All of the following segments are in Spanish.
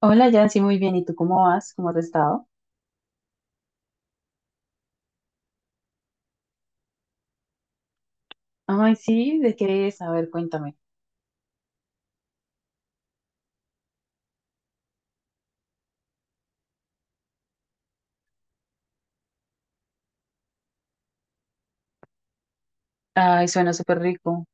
Hola, Yancy, muy bien. ¿Y tú cómo vas? ¿Cómo has estado? Ay, sí, ¿de qué es? A ver, cuéntame. Ay, suena súper rico.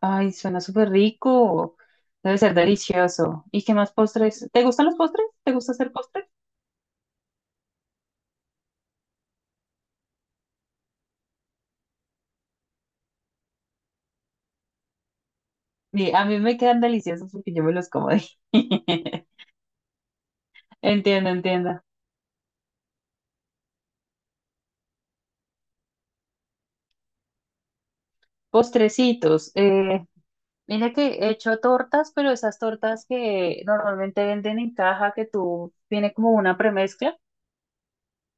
Ay, suena súper rico. Debe ser delicioso. ¿Y qué más postres? ¿Te gustan los postres? ¿Te gusta hacer postres? Sí, a mí me quedan deliciosos porque yo me los como de... Entiendo, entiendo. Postrecitos. Mira que he hecho tortas, pero esas tortas que normalmente venden en caja, que tú tiene como una premezcla.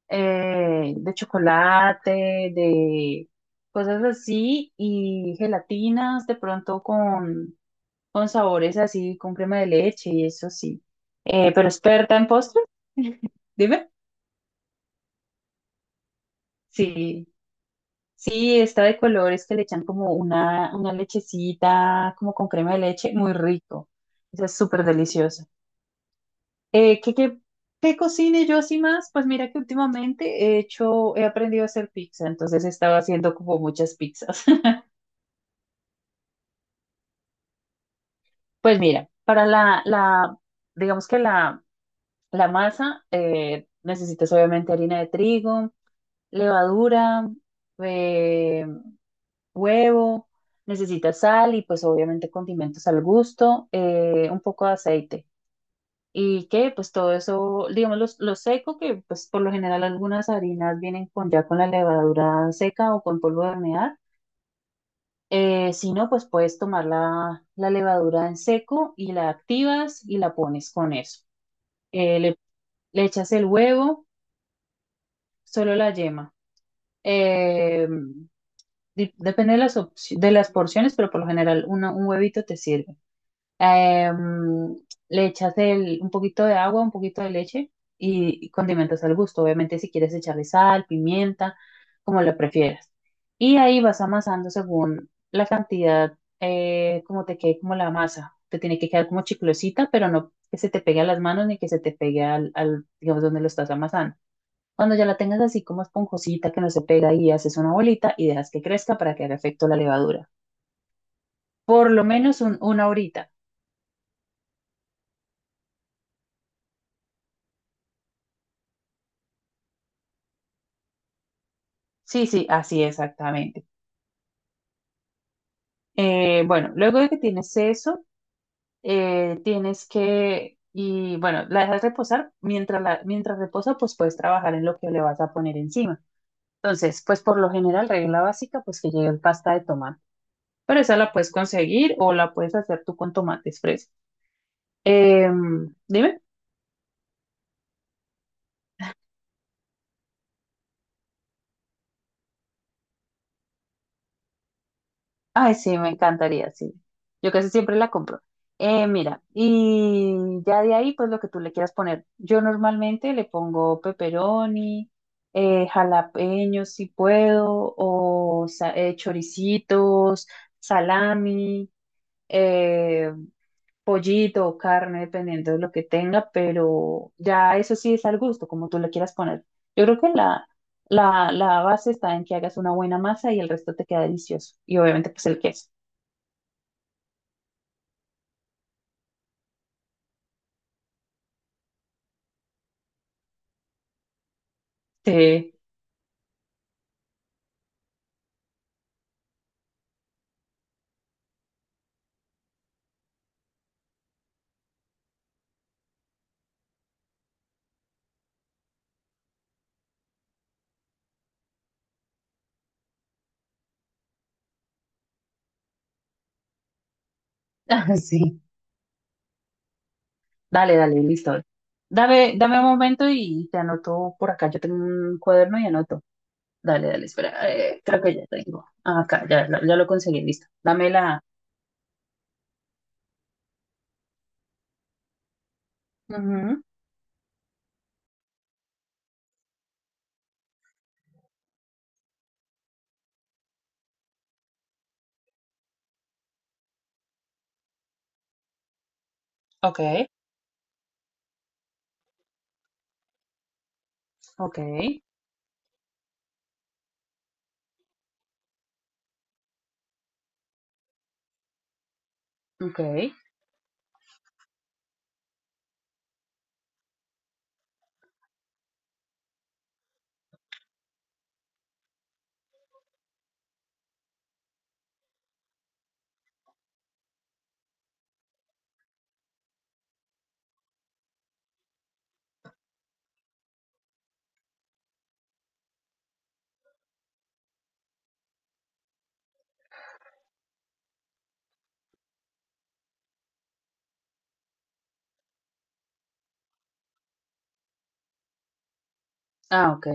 De chocolate, de cosas así y gelatinas de pronto con sabores así, con crema de leche y eso sí. Pero experta en postres, dime. Sí, sí, está de colores que le echan como una lechecita, como con crema de leche, muy rico. Eso es súper delicioso. Eh, ¿qué, qué, ¿Qué cocine yo así más? Pues mira que últimamente he hecho, he aprendido a hacer pizza, entonces he estado haciendo como muchas pizzas. Pues mira, para la, digamos que la masa, necesitas obviamente harina de trigo, levadura, eh, huevo, necesitas sal y pues obviamente condimentos al gusto, un poco de aceite. Y que pues todo eso, digamos, lo seco, que pues por lo general algunas harinas vienen con ya con la levadura seca o con polvo de hornear. Si no, pues puedes tomar la levadura en seco y la activas y la pones con eso. eh, le, Le echas el huevo, solo la yema. Eh, Depende de de las porciones, pero por lo general un huevito te sirve. Eh, Le echas un poquito de agua, un poquito de leche y condimentas al gusto. Obviamente si quieres echarle sal, pimienta, como lo prefieras. Y ahí vas amasando según la cantidad, como te quede como la masa. Te tiene que quedar como chiclosita, pero no que se te pegue a las manos ni que se te pegue al, digamos, donde lo estás amasando. Cuando ya la tengas así como esponjosita que no se pega y haces una bolita y dejas que crezca para que haga efecto la levadura. Por lo menos una horita. Sí, sí, así exactamente. Bueno, luego de que tienes eso, tienes que, y bueno, la dejas reposar. Mientras reposa, pues puedes trabajar en lo que le vas a poner encima. Entonces, pues por lo general, regla básica, pues que llegue pasta de tomate. Pero esa la puedes conseguir o la puedes hacer tú con tomates frescos. Dime. Ay, sí, me encantaría, sí. Yo casi siempre la compro. Mira, y ya de ahí, pues lo que tú le quieras poner. Yo normalmente le pongo pepperoni, jalapeños si puedo, choricitos, salami, eh, pollito o carne, dependiendo de lo que tenga, pero ya eso sí es al gusto, como tú le quieras poner. Yo creo que la base está en que hagas una buena masa y el resto te queda delicioso. Y obviamente, pues el queso. Sí, sí. Dale, dale, listo. Dame un momento y te anoto por acá. Yo tengo un cuaderno y anoto. Dale, dale, espera. Creo que ya tengo. Ah, acá, ya, ya lo conseguí, listo. Dame la. Ujú, ok, ok, ok. Ah, ok.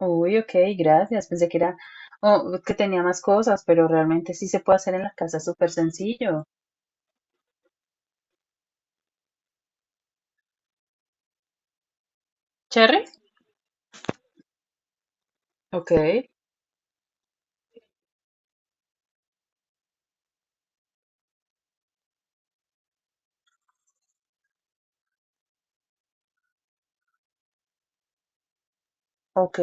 Uy, ok, gracias. Pensé que era, oh, que tenía más cosas, pero realmente sí se puede hacer en la casa, es súper sencillo. ¿Cherry? Ok, ok.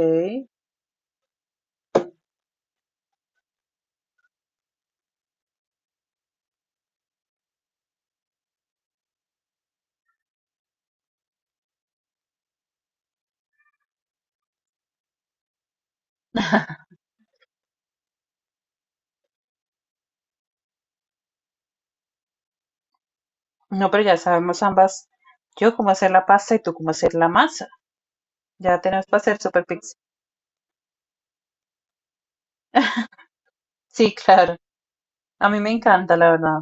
No, pero ya sabemos ambas. Yo cómo hacer la pasta y tú cómo hacer la masa. Ya tenemos para hacer Super Pix. Sí, claro. A mí me encanta, la verdad.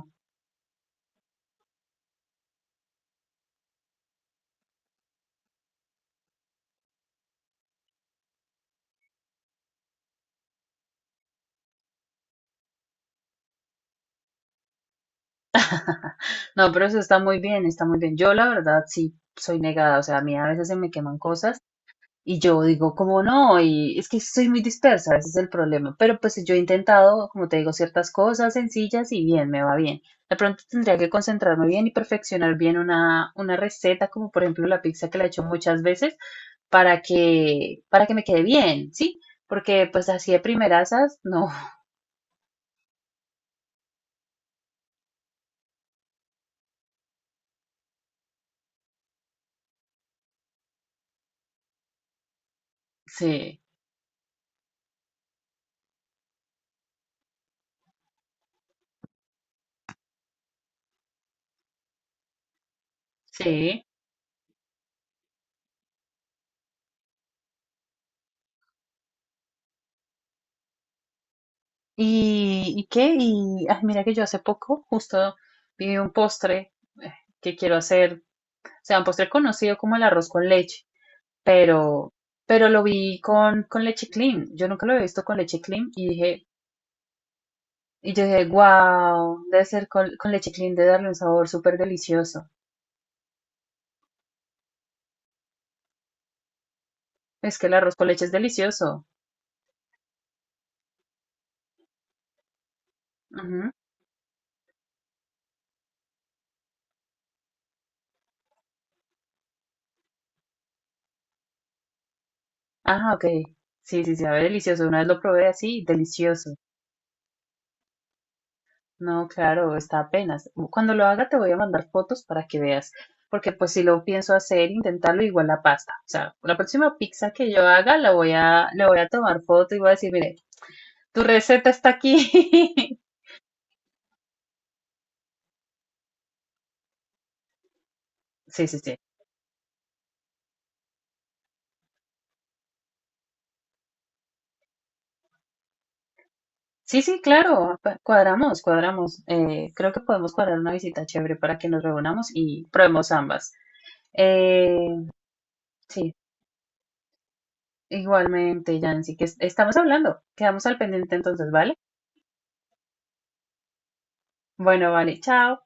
No, pero eso está muy bien, está muy bien. Yo, la verdad, sí soy negada. O sea, a mí a veces se me queman cosas y yo digo, como no? Y es que soy muy dispersa, ese es el problema. Pero pues yo he intentado, como te digo, ciertas cosas sencillas y bien, me va bien. De pronto tendría que concentrarme bien y perfeccionar bien una receta, como por ejemplo la pizza que la he hecho muchas veces, para que me quede bien, ¿sí? Porque pues así de primerasas, no, sí. Sí. Y qué? Y ay, mira que yo hace poco justo vi un postre eh, que quiero hacer, o sea, un postre conocido como el arroz con leche, pero, pero lo vi con leche clean. Yo nunca lo había visto con leche clean y dije, y yo dije, wow, debe ser con leche clean, de darle un sabor súper delicioso. Es que el arroz con leche es delicioso. Ajá, ah, ok. Sí, sí, sabe delicioso. Una vez lo probé así, delicioso. No, claro, está apenas. Cuando lo haga te voy a mandar fotos para que veas, porque pues si lo pienso hacer, intentarlo igual la pasta. O sea, la próxima pizza que yo haga la voy a, le voy a tomar foto y voy a decir, mire, tu receta está aquí. Sí, sí, sí. Sí, sí, claro, cuadramos, cuadramos. Creo que podemos cuadrar una visita chévere para que nos reunamos y probemos ambas. Eh, sí, igualmente, Yancy, que estamos hablando. Quedamos al pendiente entonces, ¿vale? Bueno, vale, chao.